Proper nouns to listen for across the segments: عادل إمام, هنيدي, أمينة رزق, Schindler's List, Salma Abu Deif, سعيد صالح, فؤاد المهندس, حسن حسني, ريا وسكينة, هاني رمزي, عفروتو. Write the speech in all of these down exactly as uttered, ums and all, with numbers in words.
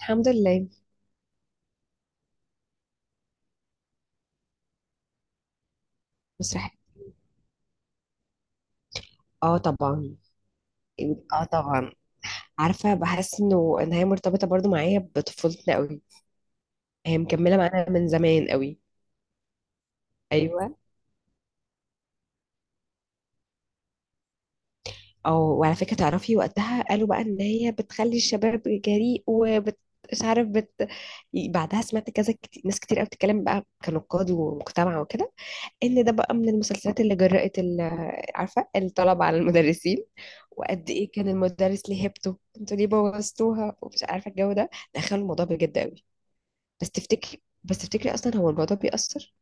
الحمد لله. مسرحية. اه طبعا. اه طبعا. عارفة، بحس انه ان هي مرتبطة برضو معايا بطفولتنا قوي. هي مكملة معانا من زمان قوي. ايوه. او وعلى فكرة تعرفي وقتها قالوا بقى ان هي بتخلي الشباب جريء وبت مش عارف بت... بعدها سمعت كذا كتير. ناس كتير قوي بتتكلم بقى كنقاد ومجتمع وكده، ان ده بقى من المسلسلات اللي جرأت ال- عارفه، الطلبه على المدرسين، وقد ايه كان المدرس ليه هيبته، انتوا ليه بوظتوها، ومش عارفه الجو ده. دخلوا الموضوع بجد قوي. بس تفتكري بس تفتكري اصلا هو الموضوع بيأثر؟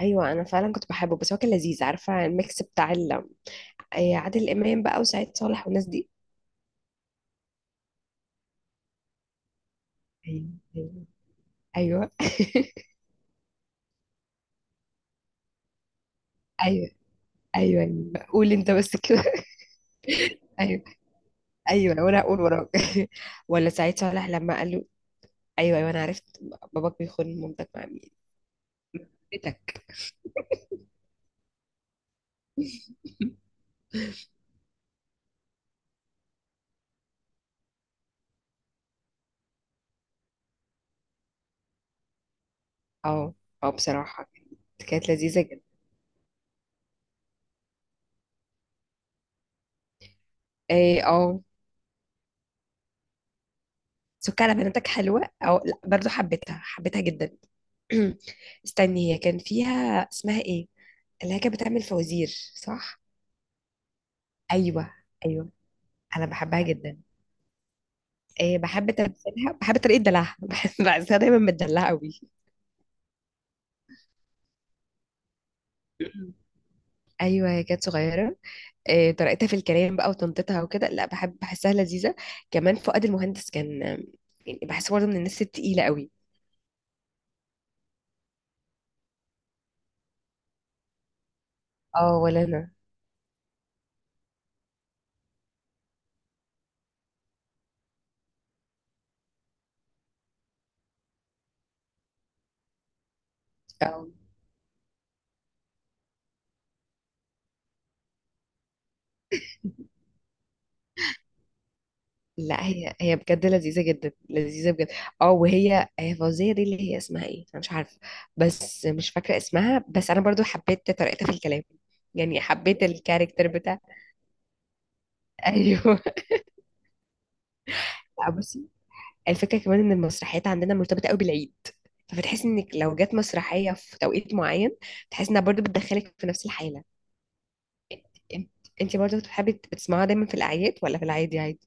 ايوه، انا فعلا كنت بحبه، بس هو كان لذيذ. عارفه الميكس بتاع ال- أي عادل امام بقى وسعيد صالح والناس دي. ايوه، ايوه، ايوه. ايوه، أيوة. قول انت بس كده. ايوه، ايوه، وانا هقول وراك. ولا سعيد صالح لما قال له ايوه، ايوه انا عرفت. باباك بيخون مامتك مع مين؟ بيتك. اه، اه، بصراحه كانت كانت لذيذه جدا. ايه، اه. سك على بناتك حلوه او لا؟ برضو حبيتها حبيتها جدا. استني، هي كان فيها، اسمها ايه اللي هي كانت بتعمل فوازير؟ صح. ايوه. ايوه، انا بحبها جدا. إيه، بحب تمثيلها، بحب طريقه دلعها. بحس بحسها دايما متدلعه قوي. ايوه، هي كانت صغيره. آه، طريقتها في الكلام بقى وطنطتها وكده، لا بحب، بحسها لذيذة. كمان فؤاد المهندس كان، آه، يعني بحسه برضه من الناس التقيلة قوي. اه، ولا انا. اه، لا هي هي بجد لذيذة جدا، لذيذة بجد. اه، وهي هي فوزية دي اللي هي اسمها ايه، انا مش عارفة. بس مش فاكرة اسمها، بس انا برضو حبيت طريقتها في الكلام. يعني حبيت الكاركتر بتاع. ايوه. لا، بصي، الفكرة كمان ان المسرحيات عندنا مرتبطة قوي بالعيد، فبتحس انك لو جت مسرحية في توقيت معين، تحس انها برضو بتدخلك في نفس الحالة. انت انت برضه بتحبي بتسمعها دايما في الاعياد ولا في العادي عادي؟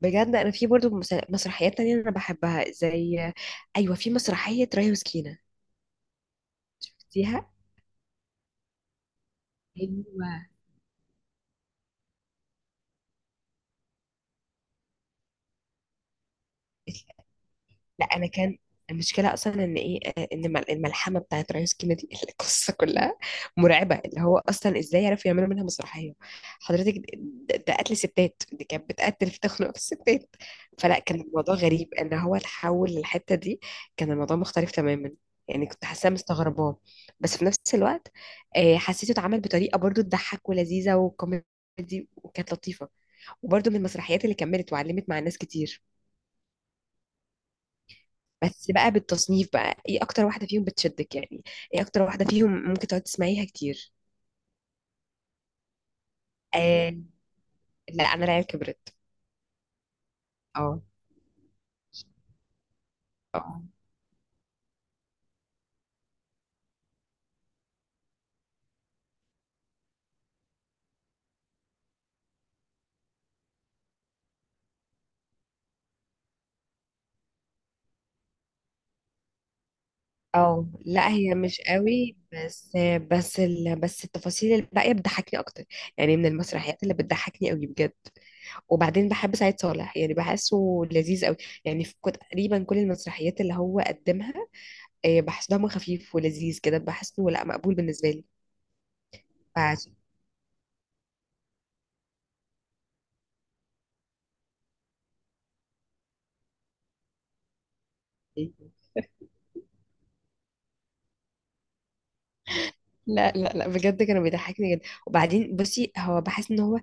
بجد انا في برضه مس- مسرحيات تانية انا بحبها، زي، ايوه، في مسرحية ريا وسكينة. شفتيها؟ ايوه. لا انا كان، المشكله اصلا ان ايه، آه، ان الم- الملحمه بتاعت رئيس كندي، القصه كلها مرعبه، اللي هو اصلا ازاي عرفوا يعملوا منها مسرحيه؟ حضرتك، ده ده قتل ستات، دي كانت بتقتل في، تخنق في الستات. فلا كان الموضوع غريب ان هو تحول للحته دي، كان الموضوع مختلف تماما، يعني كنت حاساه مستغرباه. بس في نفس الوقت، آه، حسيته اتعمل بطريقه برضو تضحك، ولذيذه وكوميدي وكانت لطيفه، وبرضو من المسرحيات اللي كملت وعلمت مع الناس كتير. بس بقى بالتصنيف بقى، ايه اكتر واحده فيهم بتشدك يعني؟ ايه اكتر واحده فيهم ممكن تقعد تسمعيها كتير؟ آه. لا، انا العيال كبرت. اه. اه. اه، لا هي مش قوي، بس بس ال... بس التفاصيل الباقيه بتضحكني اكتر، يعني من المسرحيات اللي بتضحكني قوي بجد. وبعدين بحب سعيد صالح، يعني بحسه لذيذ قوي، يعني في كو- تقريبا كل المسرحيات اللي هو قدمها، آه، بحس دمه خفيف ولذيذ كده، بحسه لا، مقبول بالنسبه لي. فعشان- لا، لا، لا، بجد كانوا بيضحكني جدا. وبعدين بصي، هو بحس ان هو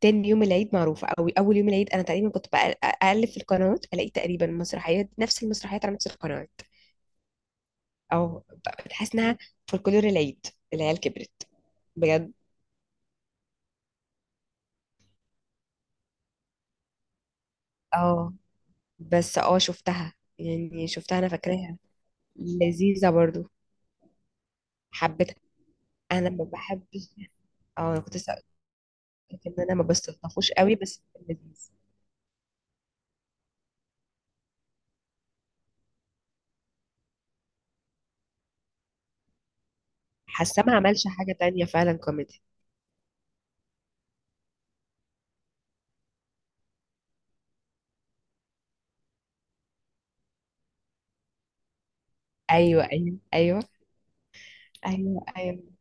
تاني يوم العيد معروف، او اول يوم العيد انا تقريبا كنت بقل- اقلب في القنوات، الاقي تقريبا مسرحيات، نفس المسرحيات على نفس القنوات. او ب- بتحس انها فولكلور العيد. العيال كبرت. بجد. اه. بس اه شفتها، يعني شفتها، انا فاكراها، لذيذة برضو. حبيتها. انا ما بحبش. اه، انا كنت لسه قلت ان انا ما بستلطفوش قوي، بس كان لذيذ. حاسه ما عملش حاجة تانية فعلا كوميدي. ايوه، ايوه، ايوه، ايوه، ايوه.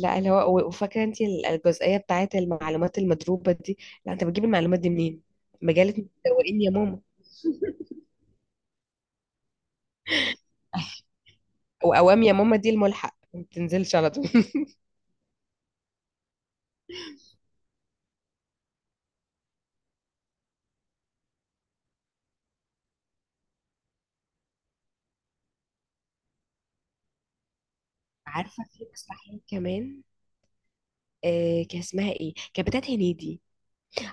لا، اللي هو وفاكره انت الجزئيه بتاعت المعلومات المضروبه دي، لا انت بتجيب المعلومات دي منين؟ مجله متسوقين يا ماما. واوام يا ماما، دي الملحق ما بتنزلش على طول. عارفه في مسرحيه كمان، آه، كان اسمها ايه، كانت بتاعت هنيدي.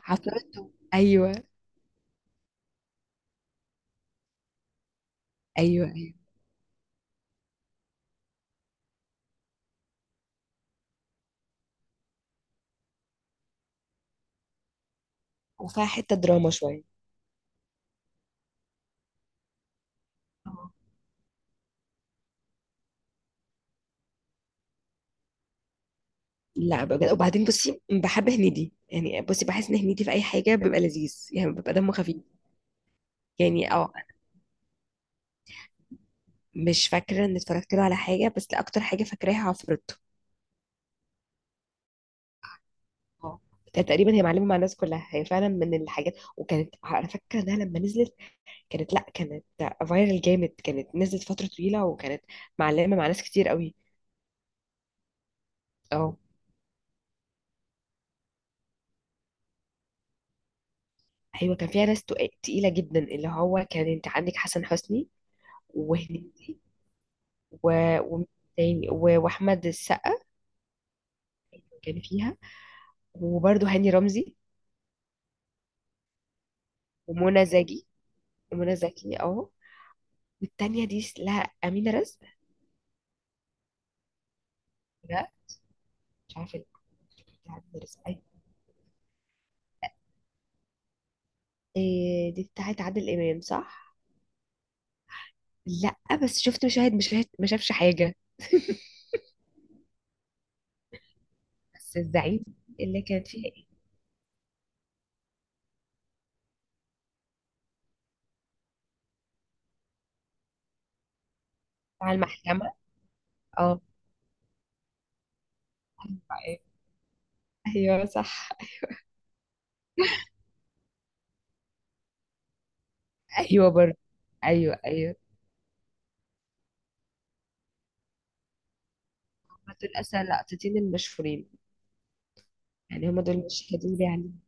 عفروتو، ايوه. ايوه، ايوه. وفيها حته دراما شويه. آه. لا بجد، وبعدين بصي، بحب هنيدي، يعني بصي بحس ان هنيدي في اي حاجه بيبقى لذيذ، يعني بيبقى دمه خفيف. يعني اه مش فاكرة ان اتفرجت له على حاجة، بس اكتر حاجة فاكراها عفروتو. اه. ده تقريبا هي معلمة مع الناس كلها، هي فعلا من الحاجات. وكانت على فكرة انها لما نزلت كانت، لا، كانت فايرال جامد، كانت نزلت فترة طويلة، وكانت معلمة مع ناس كتير قوي. اه. ايوه، كان فيها ناس تق- تقيلة جدا، اللي هو كان انت عندك حسن حسني، وهنيدي، و... و... تاني، و... واحمد السقا، كان فيها، وبرده هاني رمزي، ومنى زكي. ومنى زكي، اه. والتانية دي، لا، أمينة رزق. لا مش عارفه دي، بتاعت مدرسة أي؟ إيه دي بتاعت عادل إمام، صح؟ لأ. بس شفت مشاهد، مشاهد ما شافش حاجة. بس الزعيم، اللي كان فيها إيه؟ بتاع المحكمة. اه، أيوه، صح. أيوه برضه. أيوه، أيوه، هما دول أصلا لقطتين المشهورين، يعني هما دول مشهدين لي عليهم.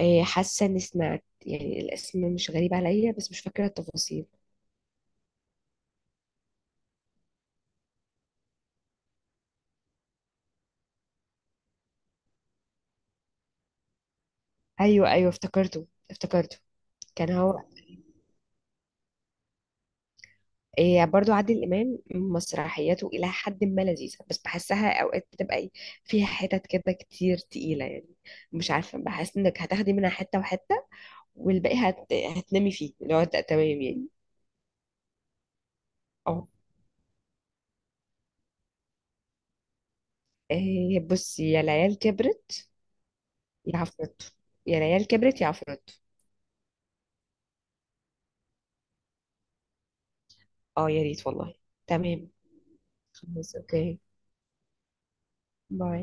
إيه، حاسة إني سمعت، يعني الاسم مش غريب عليا، بس مش فاكرة التفاصيل. أيوه، أيوه، افتكرته افتكرته. كان هو، إيه، برضو عادل إمام مسرحياته إلى حد ما لذيذة، بس بحسها أوقات بتبقى إيه، فيها حتت كده كتير تقيلة يعني. مش عارفة، بحس إنك هتاخدي منها حتة وحتة، والباقي هت... هتنامي فيه، اللي هو ت- تمام يعني. أه. إيه بصي، يا العيال كبرت، يا عفروتو. يا العيال كبرت يا عفروتو. أه يا ريت والله. تمام. خلاص، أوكي. باي.